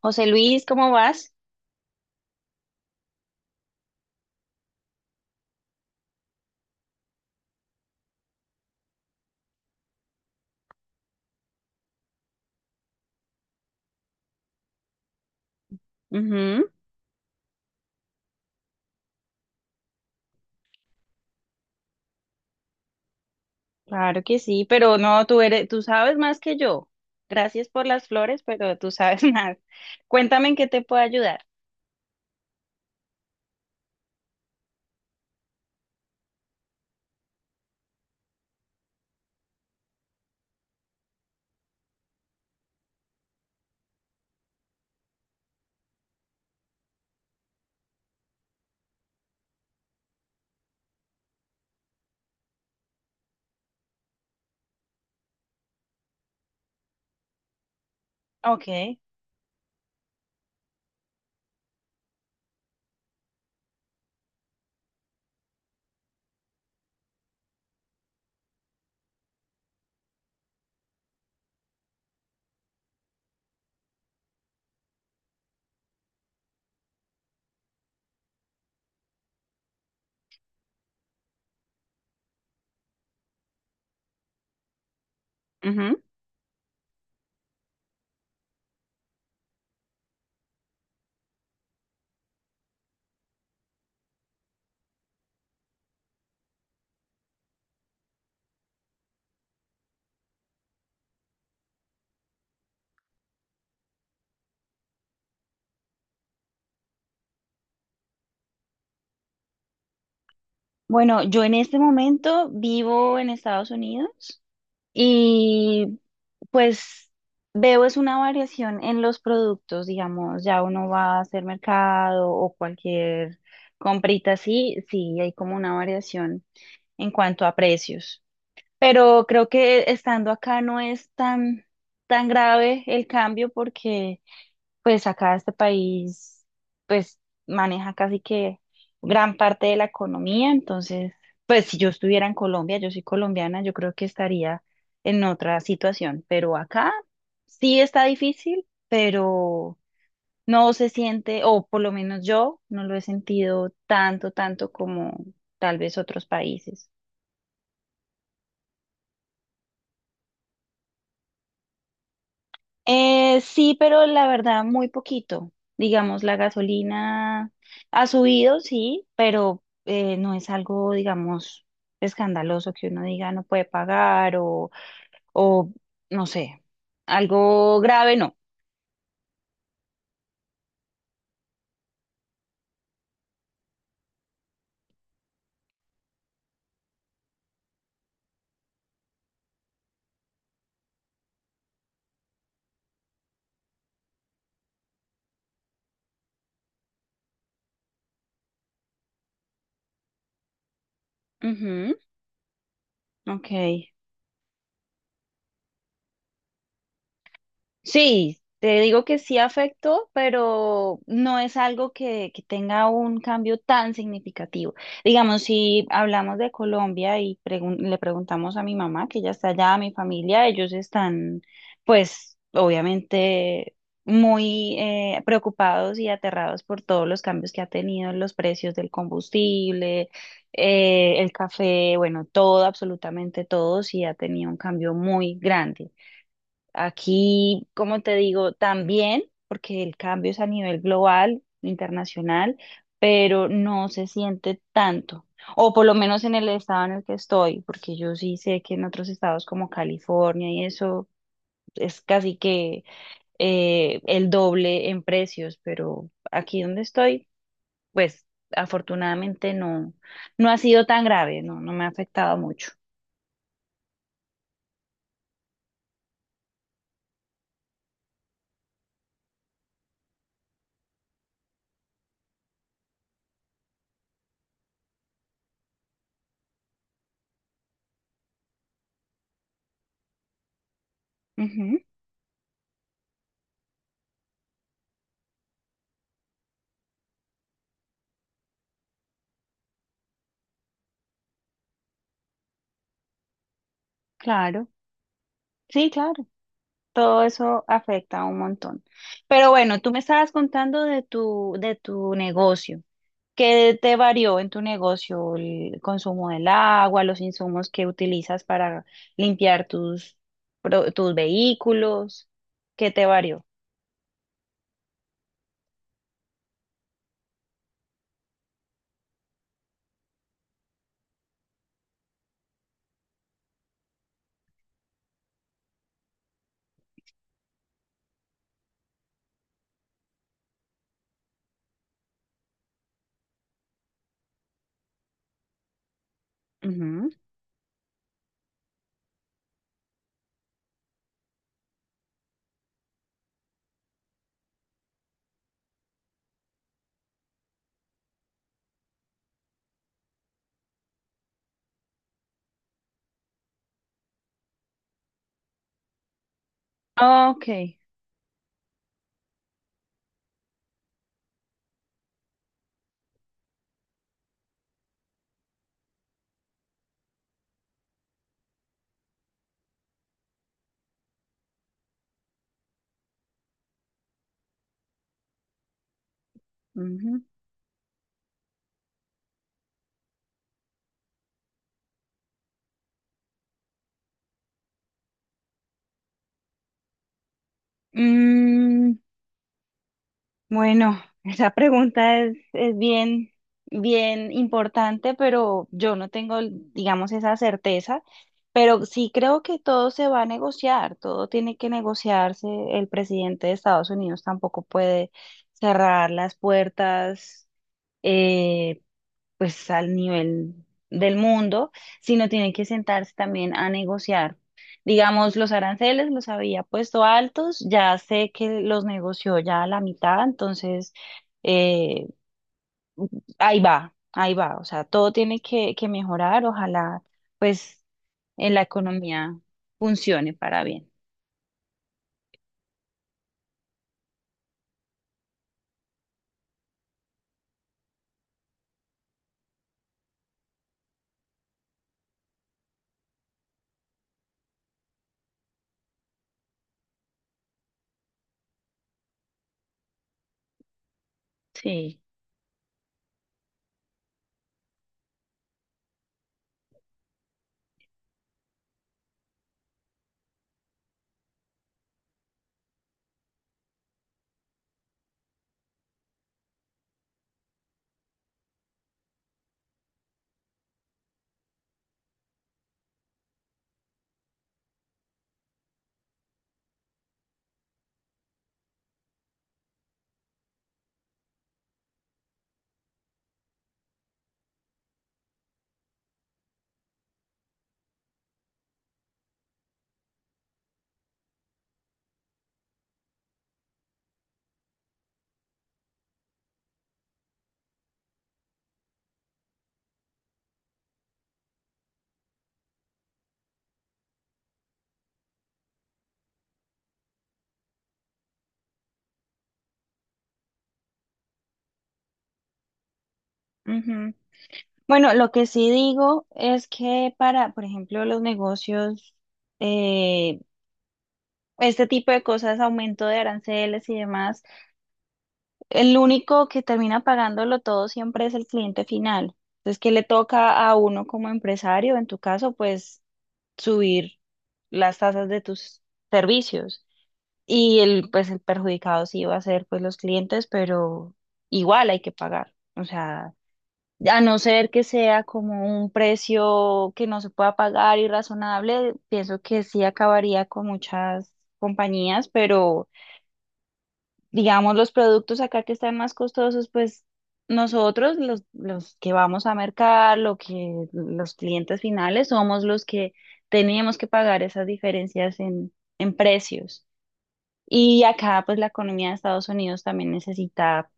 José Luis, ¿cómo vas? Ujú, claro que sí, pero no, tú eres, tú sabes más que yo. Gracias por las flores, pero tú sabes más. Cuéntame en qué te puedo ayudar. Ok. Ujú. Bueno, yo en este momento vivo en Estados Unidos y pues veo es una variación en los productos, digamos, ya uno va a hacer mercado o cualquier comprita así, sí, hay como una variación en cuanto a precios. Pero creo que estando acá no es tan, tan grave el cambio porque pues acá este país pues maneja casi que gran parte de la economía. Entonces, pues si yo estuviera en Colombia, yo soy colombiana, yo creo que estaría en otra situación. Pero acá sí está difícil, pero no se siente, o por lo menos yo no lo he sentido tanto, tanto como tal vez otros países. Sí, pero la verdad, muy poquito. Digamos, la gasolina ha subido, sí, pero no es algo, digamos, escandaloso que uno diga no puede pagar o no sé, algo grave, no. Ujú, ok. Sí, te digo que sí afectó, pero no es algo que tenga un cambio tan significativo. Digamos, si hablamos de Colombia y le preguntamos a mi mamá, que ya está allá, a mi familia, ellos están, pues, obviamente muy preocupados y aterrados por todos los cambios que ha tenido en los precios del combustible, el café, bueno, todo, absolutamente todo, sí ha tenido un cambio muy grande. Aquí, como te digo, también, porque el cambio es a nivel global, internacional, pero no se siente tanto, o por lo menos en el estado en el que estoy, porque yo sí sé que en otros estados como California y eso es casi que el doble en precios, pero aquí donde estoy, pues afortunadamente no, no ha sido tan grave, no, no me ha afectado mucho. Ujú, claro, sí, claro. Todo eso afecta un montón. Pero bueno, tú me estabas contando de tu negocio. ¿Qué te varió en tu negocio? El consumo del agua, los insumos que utilizas para limpiar tus, tus vehículos. ¿Qué te varió? Ujú. Ok. Ujú. Mm, Bueno, esa pregunta es bien, bien importante, pero yo no tengo, digamos, esa certeza. Pero sí creo que todo se va a negociar, todo tiene que negociarse. El presidente de Estados Unidos tampoco puede cerrar las puertas, eh, pues al nivel del mundo, sino tienen que sentarse también a negociar. Digamos, los aranceles los había puesto altos, ya sé que los negoció ya a la mitad, entonces eh, ahí va, o sea, todo tiene que mejorar, ojalá pues en la economía funcione para bien. Sí. Ujú. Bueno, lo que sí digo es que para, por ejemplo, los negocios eh, este tipo de cosas, aumento de aranceles y demás, el único que termina pagándolo todo siempre es el cliente final. Entonces, ¿qué le toca a uno como empresario? En tu caso, pues subir las tasas de tus servicios. Y el, pues el perjudicado sí va a ser pues los clientes, pero igual hay que pagar. O sea, a no ser que sea como un precio que no se pueda pagar y razonable, pienso que sí acabaría con muchas compañías, pero digamos, los productos acá que están más costosos, pues nosotros, los que vamos a mercar, lo que los clientes finales, somos los que teníamos que pagar esas diferencias en precios. Y acá, pues la economía de Estados Unidos también necesita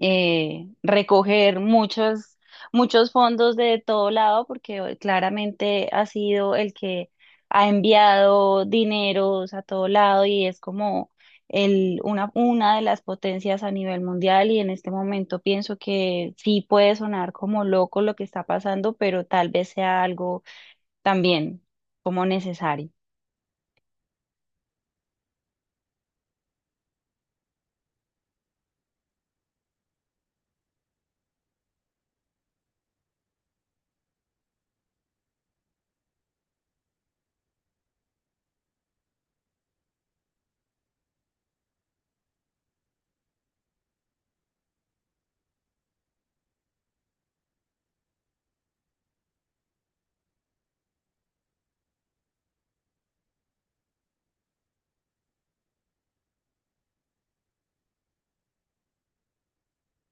recoger muchos, muchos fondos de todo lado, porque claramente ha sido el que ha enviado dineros a todo lado y es como el, una de las potencias a nivel mundial y en este momento pienso que sí puede sonar como loco lo que está pasando, pero tal vez sea algo también como necesario.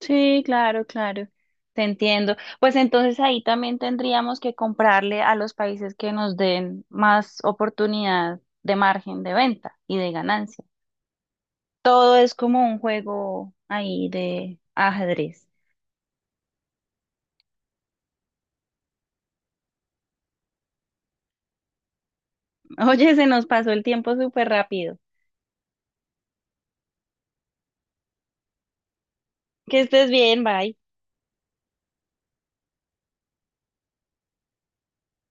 Sí, claro, claro. Te entiendo. Pues entonces ahí también tendríamos que comprarle a los países que nos den más oportunidad de margen de venta y de ganancia. Todo es como un juego ahí de ajedrez. Oye, se nos pasó el tiempo súper rápido. Que estés bien, bye.